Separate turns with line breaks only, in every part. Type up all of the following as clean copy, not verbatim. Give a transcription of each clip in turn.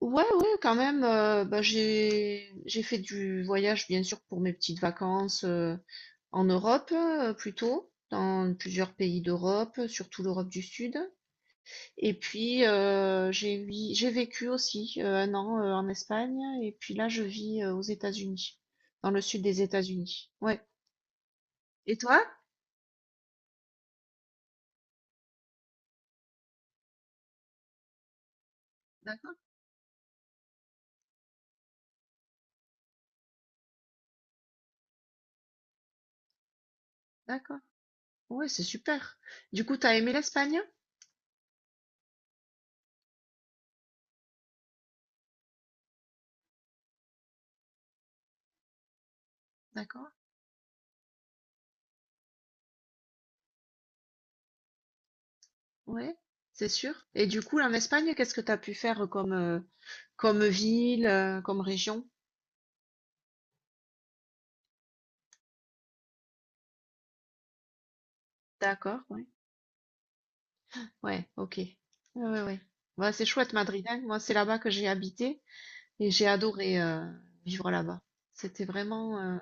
Ouais, ouais, quand même. Bah, j'ai fait du voyage, bien sûr, pour mes petites vacances en Europe, plutôt, dans plusieurs pays d'Europe, surtout l'Europe du Sud. Et puis j'ai vécu aussi un an en Espagne. Et puis là, je vis aux États-Unis, dans le sud des États-Unis. Ouais. Et toi? D'accord, d'accord. Ouais, c'est super. Du coup, t'as aimé l'Espagne? D'accord. Ouais, c'est sûr. Et du coup, en Espagne, qu'est-ce que t'as pu faire comme comme ville, comme région? D'accord, ouais. Ouais, OK. Ouais, ouais, ouais. Bah, c'est chouette Madrid, hein. Moi, c'est là-bas que j'ai habité et j'ai adoré, vivre là-bas. C'était vraiment,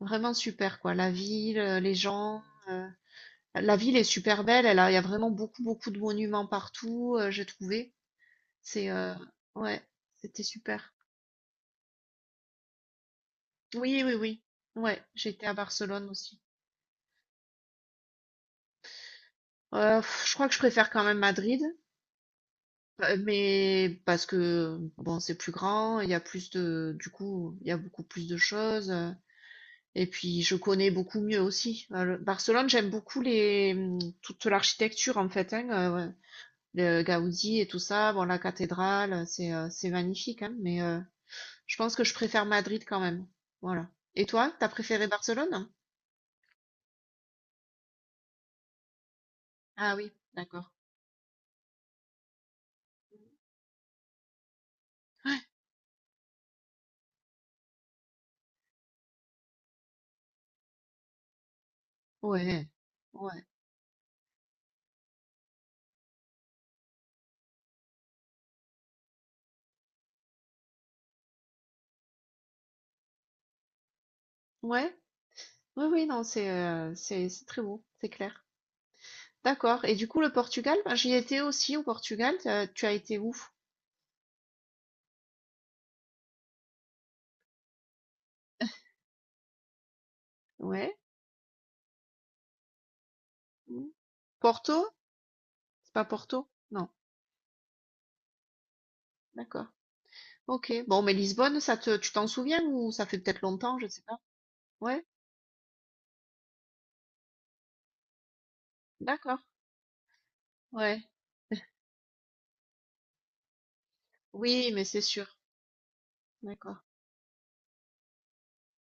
vraiment super quoi. La ville, les gens, heu, la ville est super belle, elle a il y a vraiment beaucoup, beaucoup de monuments partout, j'ai trouvé. C'est, ouais, c'était super. Oui, oui, oui. Ouais, j'ai été à Barcelone aussi. Je crois que je préfère quand même Madrid. Mais parce que bon, c'est plus grand, il y a plus de du coup, il y a beaucoup plus de choses, et puis je connais beaucoup mieux aussi. Le Barcelone, j'aime beaucoup les, toute l'architecture en fait, hein, heu, le Gaudi et tout ça. Bon, la cathédrale, c'est magnifique, hein, je pense que je préfère Madrid quand même. Voilà. Et toi, t'as préféré Barcelone? Ah oui, d'accord. Ouais. Ouais. Ouais. Ouais. Oui, oui, non, c'est très beau, c'est clair. D'accord et du coup, le Portugal, ben, j'y étais aussi au Portugal, tu as été où? Ouais. Mmh. Porto? C'est pas Porto? Non. D'accord. OK. Bon, mais Lisbonne, ça te tu t'en souviens ou ça fait peut-être longtemps, je sais pas. Ouais? D'accord. Ouais. Oui, mais c'est sûr. D'accord.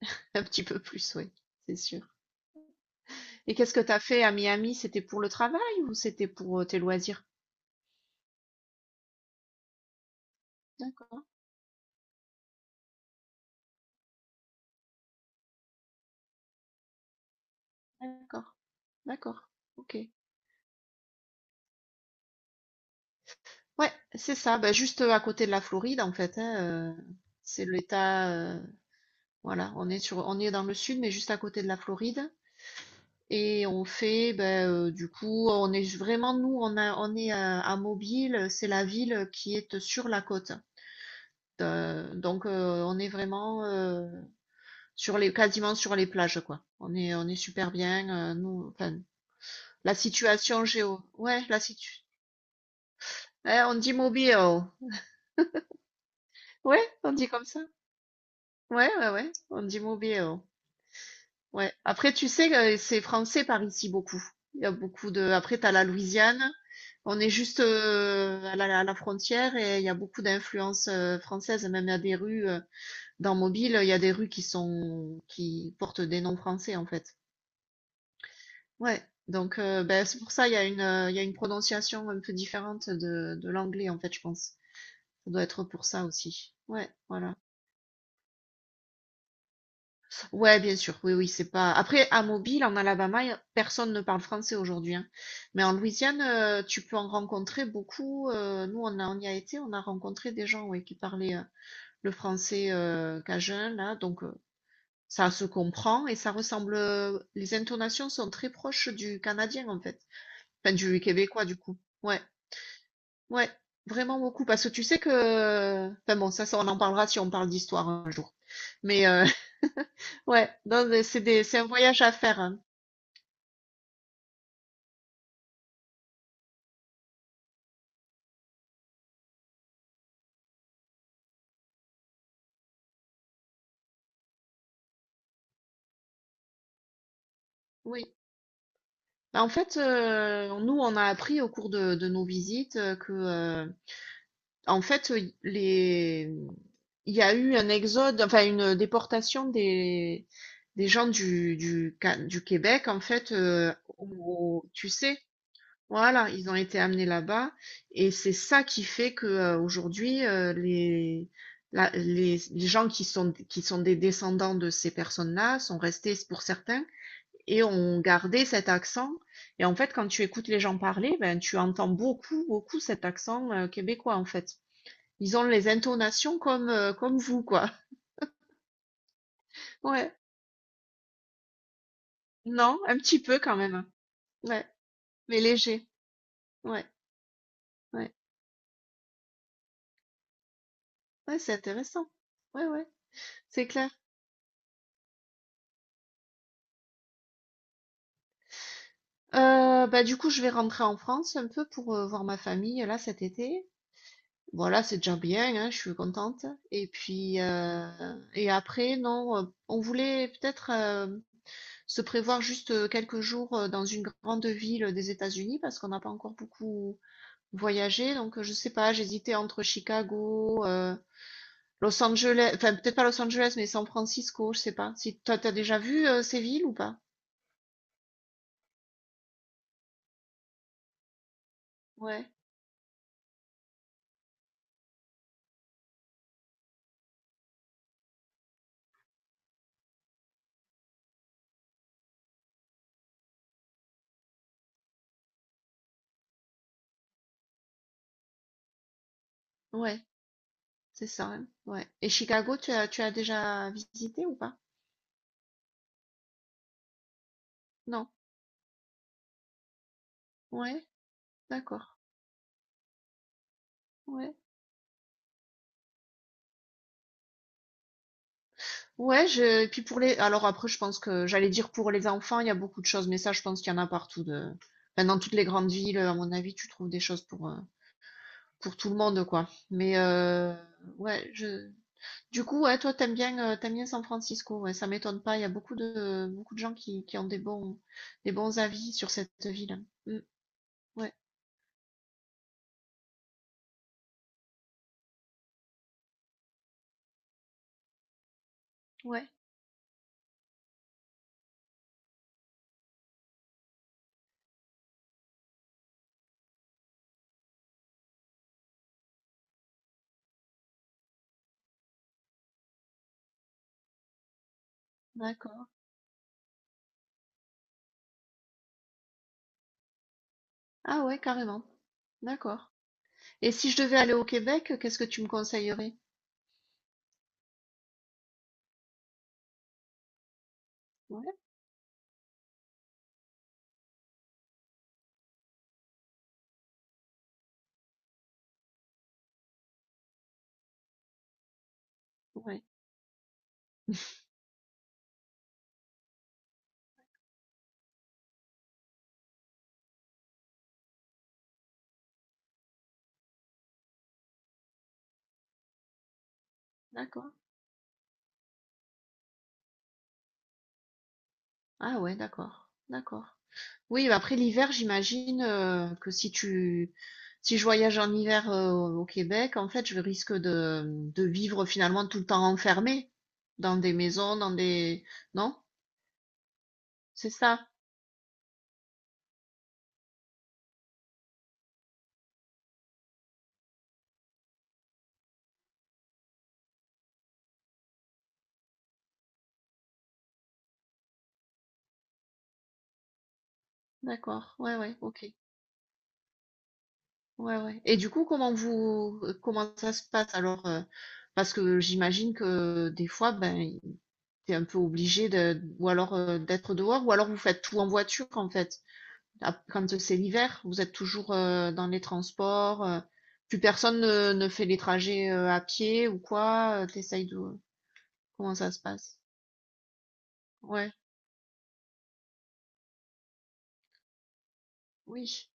Un petit peu plus, oui. C'est sûr. Et qu'est-ce que t'as fait à Miami? C'était pour le travail ou c'était pour tes loisirs? D'accord. D'accord. D'accord. OK. Ouais, c'est ça. Ben, juste à côté de la Floride, en fait, hein, c'est l'État, voilà, on est dans le sud, mais juste à côté de la Floride. Et on fait, ben, du coup, on est vraiment nous, on est à Mobile, c'est la ville qui est sur la côte. Donc, on est vraiment, sur les quasiment sur les plages, quoi. On est super bien, nous enfin, la situation géo ouais, la situ eh, on dit Mobile. Ouais, on dit comme ça. Ouais, ouais, ouais, on dit Mobile. Ouais. Après, tu sais, c'est français par ici beaucoup. Il y a beaucoup de. Après, t'as la Louisiane. On est juste à la frontière et il y a beaucoup d'influences françaises. Même il y a des rues dans Mobile, il y a des rues qui portent des noms français en fait. Ouais. Donc ben, c'est pour ça il y a une prononciation un peu différente de l'anglais en fait, je pense. Ça doit être pour ça aussi. Ouais. Voilà. Ouais, bien sûr. Oui, oui, c'est pas. Après, à Mobile, en Alabama, personne ne parle français aujourd'hui, hein. Mais en Louisiane, tu peux en rencontrer beaucoup. Nous, on y a été, on a rencontré des gens, ouais, qui parlaient le français cajun, là. Donc, ça se comprend et ça ressemble. Les intonations sont très proches du canadien, en fait. Enfin, du québécois, du coup. Ouais, ouais, vraiment beaucoup. Parce que tu sais que. Enfin bon, on en parlera si on parle d'histoire un jour. Mais euh, ouais, non, mais c'est un voyage à faire, hein. Oui. Bah, en fait, nous, on a appris au cours de nos visites en fait, il y a eu un exode, enfin une déportation des gens du Québec, en fait, tu sais, voilà, ils ont été amenés là-bas, et c'est ça qui fait que aujourd'hui, les gens qui sont des descendants de ces personnes-là sont restés, pour certains, et on gardait cet accent. Et en fait, quand tu écoutes les gens parler, ben, tu entends beaucoup, beaucoup cet accent québécois, en fait. Ils ont les intonations comme, comme vous, quoi. Ouais. Non, un petit peu quand même. Ouais. Mais léger. Ouais. Ouais. Ouais, c'est intéressant. Ouais, ouais. C'est clair. Bah, du coup, je vais rentrer en France un peu pour voir ma famille, là, cet été. Voilà, c'est déjà bien, hein, je suis contente. Et puis, et après, non, on voulait peut-être se prévoir juste quelques jours dans une grande ville des États-Unis parce qu'on n'a pas encore beaucoup voyagé. Donc, je sais pas, j'hésitais entre Chicago, Los Angeles, enfin, peut-être pas Los Angeles, mais San Francisco, je sais pas. Si toi, t'as déjà vu ces villes ou pas? Ouais, ouais, c'est ça, hein, ouais. Et Chicago, tu as déjà visité ou pas? Non, ouais, d'accord, ouais. Ouais, je... et puis pour les... Alors après, je pense que j'allais dire pour les enfants, il y a beaucoup de choses, mais ça, je pense qu'il y en a partout. De... Enfin, dans toutes les grandes villes, à mon avis, tu trouves des choses pour tout le monde, quoi. Ouais, je... Du coup, ouais, toi, t'aimes bien San Francisco, ouais, ça m'étonne pas. Il y a beaucoup de gens qui ont des bons avis sur cette ville. Mm, ouais, ouais, d'accord. Ah ouais, carrément. D'accord. Et si je devais aller au Québec, qu'est-ce que tu me conseillerais? Ouais, ouais, d'accord. Ah ouais, d'accord, d'accord. Oui, bah, après l'hiver, j'imagine que si tu si je voyage en hiver au Québec, en fait, de vivre finalement tout le temps enfermé dans des maisons, dans des... Non? C'est ça? D'accord. Ouais, ouais, ok. Ouais, ouais. Et du coup, comment ça se passe alors? Parce que j'imagine que des fois, ben, t'es un peu obligé de ou alors d'être dehors, ou alors vous faites tout en voiture, en fait. Quand c'est l'hiver, vous êtes toujours dans les transports. Plus personne ne fait les trajets à pied ou quoi. T'essayes de... Comment ça se passe? Ouais, oui,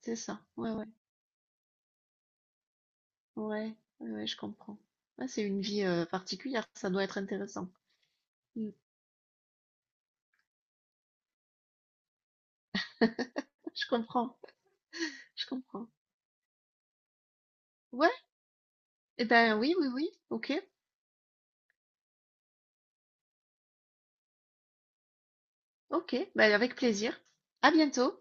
c'est ça. Ouais, ouais, ouais, ouais, ouais, je comprends. Ouais, c'est une vie particulière. Ça doit être intéressant. Mm, je comprends, je comprends. Ouais, eh ben oui, oui, oui. Ok, ok. Ben avec plaisir. À bientôt.